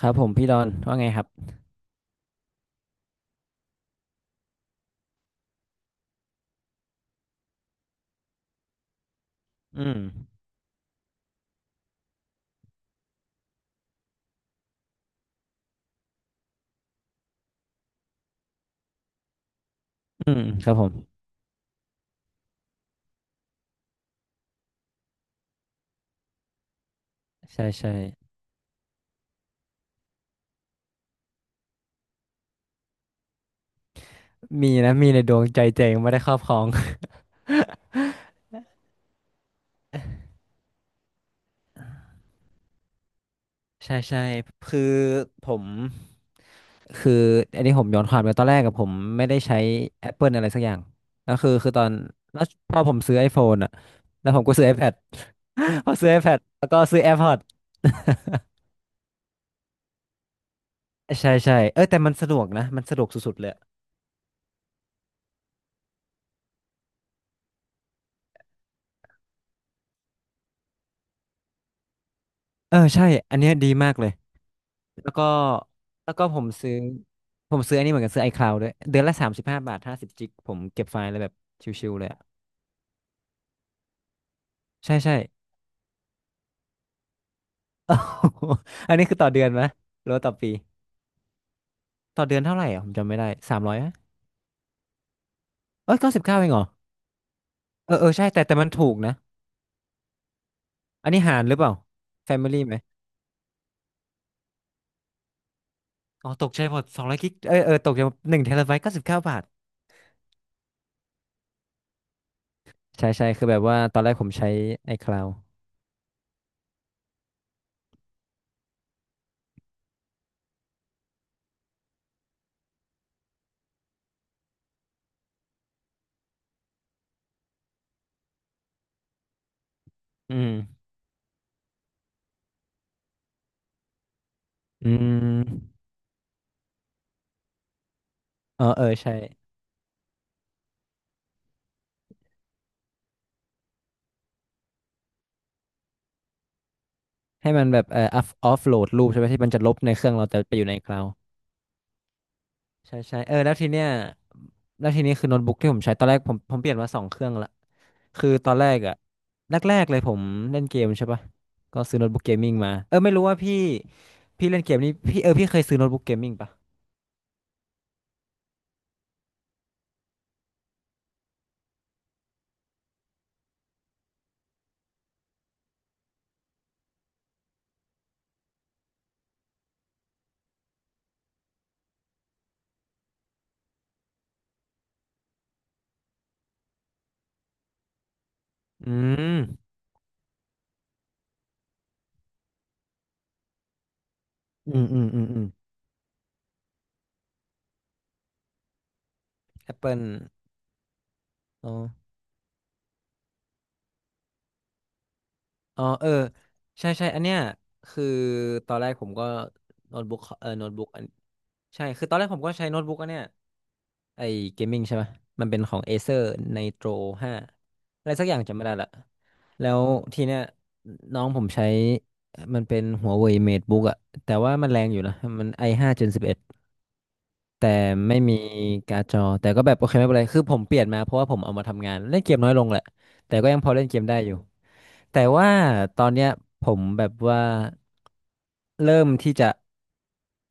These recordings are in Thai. ครับผมพี่ดอนว่าไงครับอืมอืมครับผมใช่ใช่มีนะมีในดวงใจเจงไม่ได้ครอบครองใช่ใช่คือผมคืออันนี้ผมย้อนความไปตอนแรกกับผมไม่ได้ใช้ Apple อะไรสักอย่างแล้วคือตอนแล้วพอผมซื้อ iPhone อ่ะแล้วผมก็ซื้อ iPad พอซื้อ iPad แล้วก็ซื้อ AirPods ใช่ใช่เออแต่มันสะดวกนะมันสะดวกสุดๆเลยเออใช่อันเนี้ยดีมากเลย แล้วก็แล้วก็ผมซื้ออันนี้เหมือนกันซื้อ iCloud ด้วยเดือนละ35.50 บาทจิกผมเก็บไฟล์เลยแบบชิวๆเลยอะใช่ใช่ อันนี้คือต่อเดือนไหมหรือว่าต่อปีต่อเดือนเท่าไหร่อ่ะผมจำไม่ได้300เอ้ยเก้าสิบเก้าเองเหรอเออเออใช่แต่มันถูกนะอันนี้หารหรือเปล่า Family ไหมอ๋อตกใจหมด200 กิกเออเออตกใจหมด1 เทราไบต์99 บาทใช่ใช่คือแบบว่าตอนแรกผมใช้ iCloud อืมอืมเออเออใช่ ให้มันแบบออฟโหลดรูปใช่ไหมที่มันจะลบในเครื่องเราแต่ไปอยู่ในคลาวด์ใช่ใช่เออแล้วทีเนี้ยแล้วทีนี้คือโน้ตบุ๊กที่ผมใช้ตอนแรกผมเปลี่ยนมา2 เครื่องละคือตอนแรกอะแรกๆเลยผมเล่นเกมใช่ปะก็ซื้อโน้ตบุ๊กเกมมิ่งมาเออไม่รู้ว่าพี่พี่เล่นเกมนี้พี่เออพี่เคยซื้อโน้ตบุ๊กเกมมิ่งปะอืมอืมอืมอืมอืมแอปเปิลอ๋ออ๋อเออใช่ใช่อันเนี้ยคือตอนแรกผมก็โน้ตบุ๊กเออโน้ตบุ๊กอันใช่คือตอนแรกผมก็ใช้โน้ตบุ๊กอันเนี้ย ไอเกมมิ่งใช่ไหมมันเป็นของ Acer Nitro 5อะไรสักอย่างจำไม่ได้ละแล้วทีเนี้ยน้องผมใช้มันเป็น Huawei MateBook อะแต่ว่ามันแรงอยู่นะมัน i5 Gen 11แต่ไม่มีการ์ดจอแต่ก็แบบโอเคไม่เป็นไรคือผมเปลี่ยนมาเพราะว่าผมเอามาทำงานเล่นเกมน้อยลงแหละแต่ก็ยังพอเล่นเกมได้อยู่แต่ว่าตอนเนี้ยผมแบบว่าเริ่มที่จะ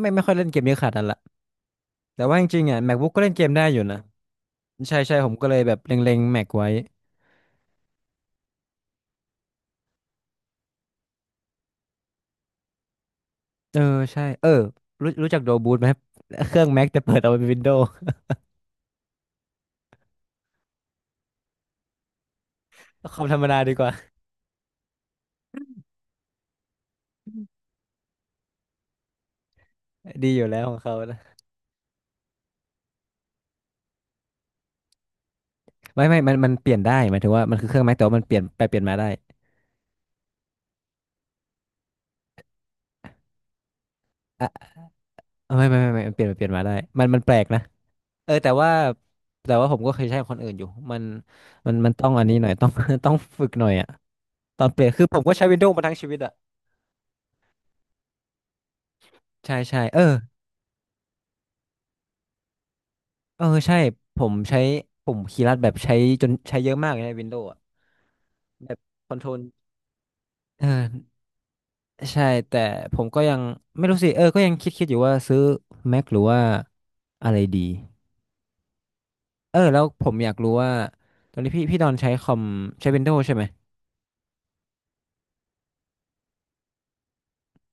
ไม่ค่อยเล่นเกมเยอะขนาดนั้นละแต่ว่าจริงๆอ่ะ MacBook ก็เล่นเกมได้อยู่นะ ใช่ใช่ผมก็เลยแบบเล็งๆแม็กไว้เออใช่เออรู้จักโดบูทไหมครับเครื่องแม็กแต่เปิดเอาเป็นวินโดว์ คอมธรรมดาดีกว่า ดีอยู่แล้วของเขานะไม่มันเปลี่ยนได้หมายถึงว่ามันคือเครื่องแม็กแต่ว่ามันเปลี่ยนไปเปลี่ยนมาได้อ่ะไม่มันเปลี่ยนไปเปลี่ยนมาได้มันแปลกนะเออแต่ว่าผมก็เคยใช้ของคนอื่นอยู่มันมันต้องอันนี้หน่อยต้อง ต้องฝึกหน่อยอ่ะตอนเปลี่ยนคือผมก็ใช้วินโดว์มาทั้งชีวิตอ่ะใช่ใช่เออเออใช่ผมใช้ผมคีย์ลัดแบบใช้จนใช้เยอะมากเลยในวินโดว์ แบบคอนโทรลเออใช่แต่ผมก็ยังไม่รู้สิเออก็ยังคิดอยู่ว่าซื้อ Mac หรือว่าอะไรดีเออแล้วผมอยากรู้ว่าตอนนี้พี่พี่ดอนใช้คอมใช้ Windows ใช่ไหม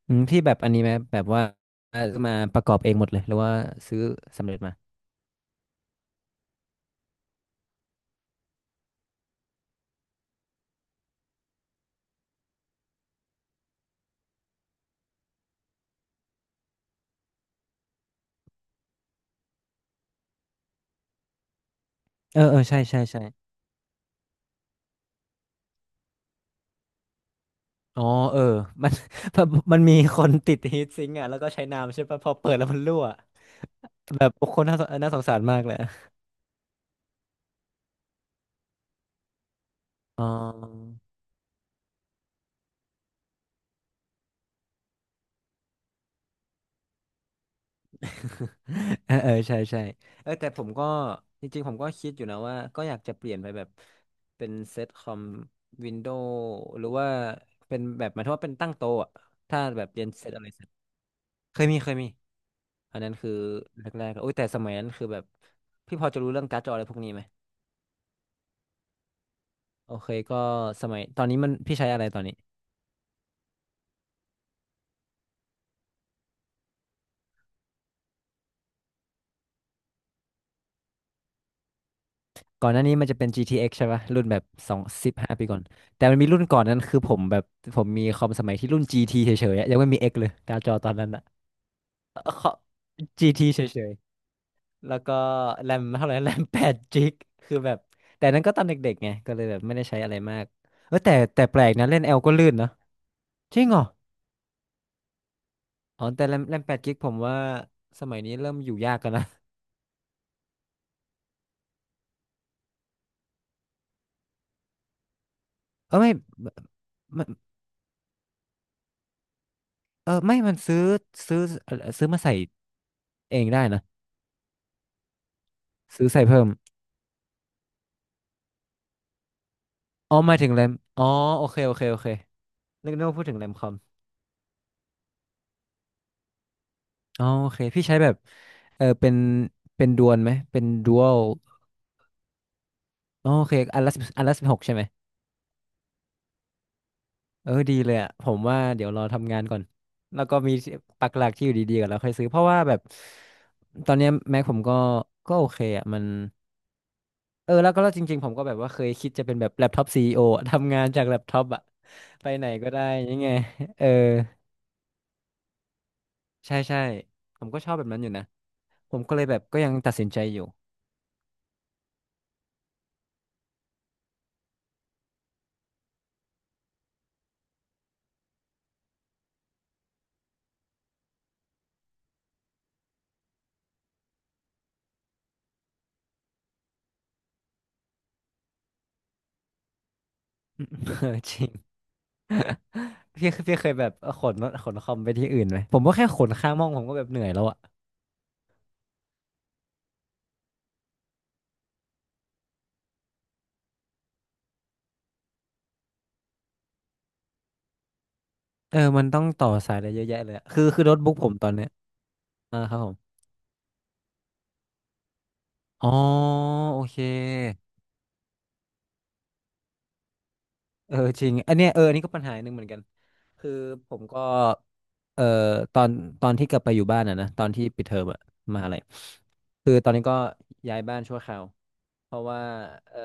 อืมที่แบบอันนี้ไหมแบบว่าเอ่อมาประกอบเองหมดเลยหรือว่าซื้อสำเร็จมาเออเออใช่ใช่อ๋อเออมัน มันมีคนติดฮีทซิงค์อ่ะแล้วก็ใช้น้ำใช่ปะพอเปิดแล้วมันรั่วแบบโอ้โคนน่าสงสารมากเลยอะอ๋อ เออเออใช่ใช่เออแต่ผมก็จริงๆผมก็คิดอยู่นะว่าก็อยากจะเปลี่ยนไปแบบเป็นเซตคอมวินโดว์หรือว่าเป็นแบบหมายถึงว่าเป็นตั้งโต๊ะอะถ้าแบบเรียนเซตอะไรเสร็จเคยมีอันนั้นคือแรกๆโอ้ยแต่สมัยนั้นคือแบบพี่พอจะรู้เรื่องการ์ดจออะไรพวกนี้ไหมโอเคก็สมัยตอนนี้มันพี่ใช้อะไรตอนนี้ ก่อนหน้านี้มันจะเป็น GTX ใช่ป่ะรุ่นแบบ25 ปีก่อนแต่มันมีรุ่นก่อนนั้นคือผมแบบผมมีคอมสมัยที่รุ่น GT เฉยๆอะยังไม่มี X เลยการ์ดจอตอนนั้นอะ เออขอ GT เฉยๆแล้วก็แรมเท่าไหร่ แรม8 จิกคือแบบแต่นั้นก็ตอนเด็กๆไงก็เลยแบบไม่ได้ใช้อะไรมากเออแต่แปลกนะเล่น L ก็ลื่นเนาะจริงเหรออ๋อแต่แรมแปดจิกผมว่าสมัยนี้เริ่มอยู่ยากกันนะ เออไม่มันซื้อซื้ซื้อมาใส่เองได้นะซื้อใส่เพิ่ม อ๋อหมายถึงแรมอ๋อโอเคโอเคโอเคนึกว่าพูดถึงแรมคอมอ๋อโอเคพี่ใช้แบบเออเป็นเป็นดวนไหมเป็นดวลอ๋อโอเคอันละอันละสิบหกใช่ไหมเออดีเลยอ่ะผมว่าเดี๋ยวรอทำงานก่อนแล้วก็มีปักหลักที่อยู่ดีๆก่อนแล้วค่อยซื้อเพราะว่าแบบตอนเนี้แม็ผมก็ก็โอเคอ่ะมันเออแล้วก็แล้วจริงๆผมก็แบบว่าเคยคิดจะเป็นแบบแล็ปท็อปซีอีโอ ทำงานจากแล็ปท็อปอ่ะไปไหนก็ได้ยังไงเออใช่ใช่ผมก็ชอบแบบนั้นอยู่นะผมก็เลยแบบก็ยังตัดสินใจอยู่ เออจริงพี่เคยแบบขนขนคอมไปที่อื่นไหมผมก็แค่ขนข้างห้องผมก็แบบเหนื่อยแล้วอะเออมันต้องต่อสายอะไรเยอะแยะเลยอะคือโน้ตบุ๊กผมตอนเนี้ยอ่าครับผมอ๋อโอเคเออจริงอันเนี้ยเอออันนี้ก็ปัญหาหนึ่งเหมือนกันคือผมก็เอ่อตอนตอนที่กลับไปอยู่บ้านอ่ะนะตอนที่ปิดเทอมอะมหาอะไรคือตอนนี้ก็ย้ายบ้านชั่วคราวเพราะว่าเอ่อ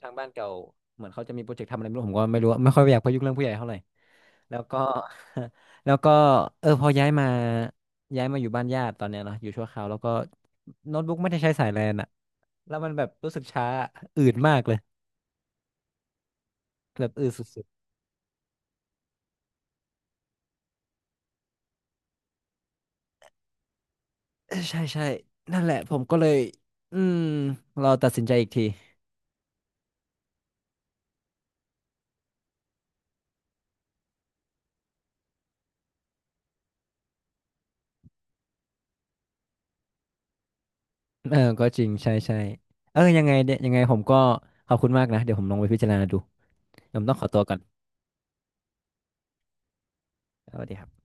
ทางบ้านเก่าเหมือนเขาจะมีโปรเจกต์ทำอะไรไม่รู้ผมก็ไม่รู้อะไม่ค่อยอยากไปยุ่งเรื่องผู้ใหญ่เท่าไหร่ แล้วก็ แล้วก็เออพอย้ายมาย้ายมาอยู่บ้านญาติตอนเนี้ยเนาะอยู่ชั่วคราวแล้วก็โน้ตบุ๊กไม่ได้ใช้สายแลนอะแล้วมันแบบรู้สึกช้าอืดมากเลยแบบอืดสุดๆเออใช่ใช่นั่นแหละผมก็เลยอืมรอตัดสินใจอีกที เออก็จริงใช่ใช่เออยังไงเนี่ยยังไงผมก็ขอบคุณมากนะเดี๋ยวผมลองไปพิจารณาดูเดี๋ยวผมต้องขอตัวก่อนสวัสดีครับ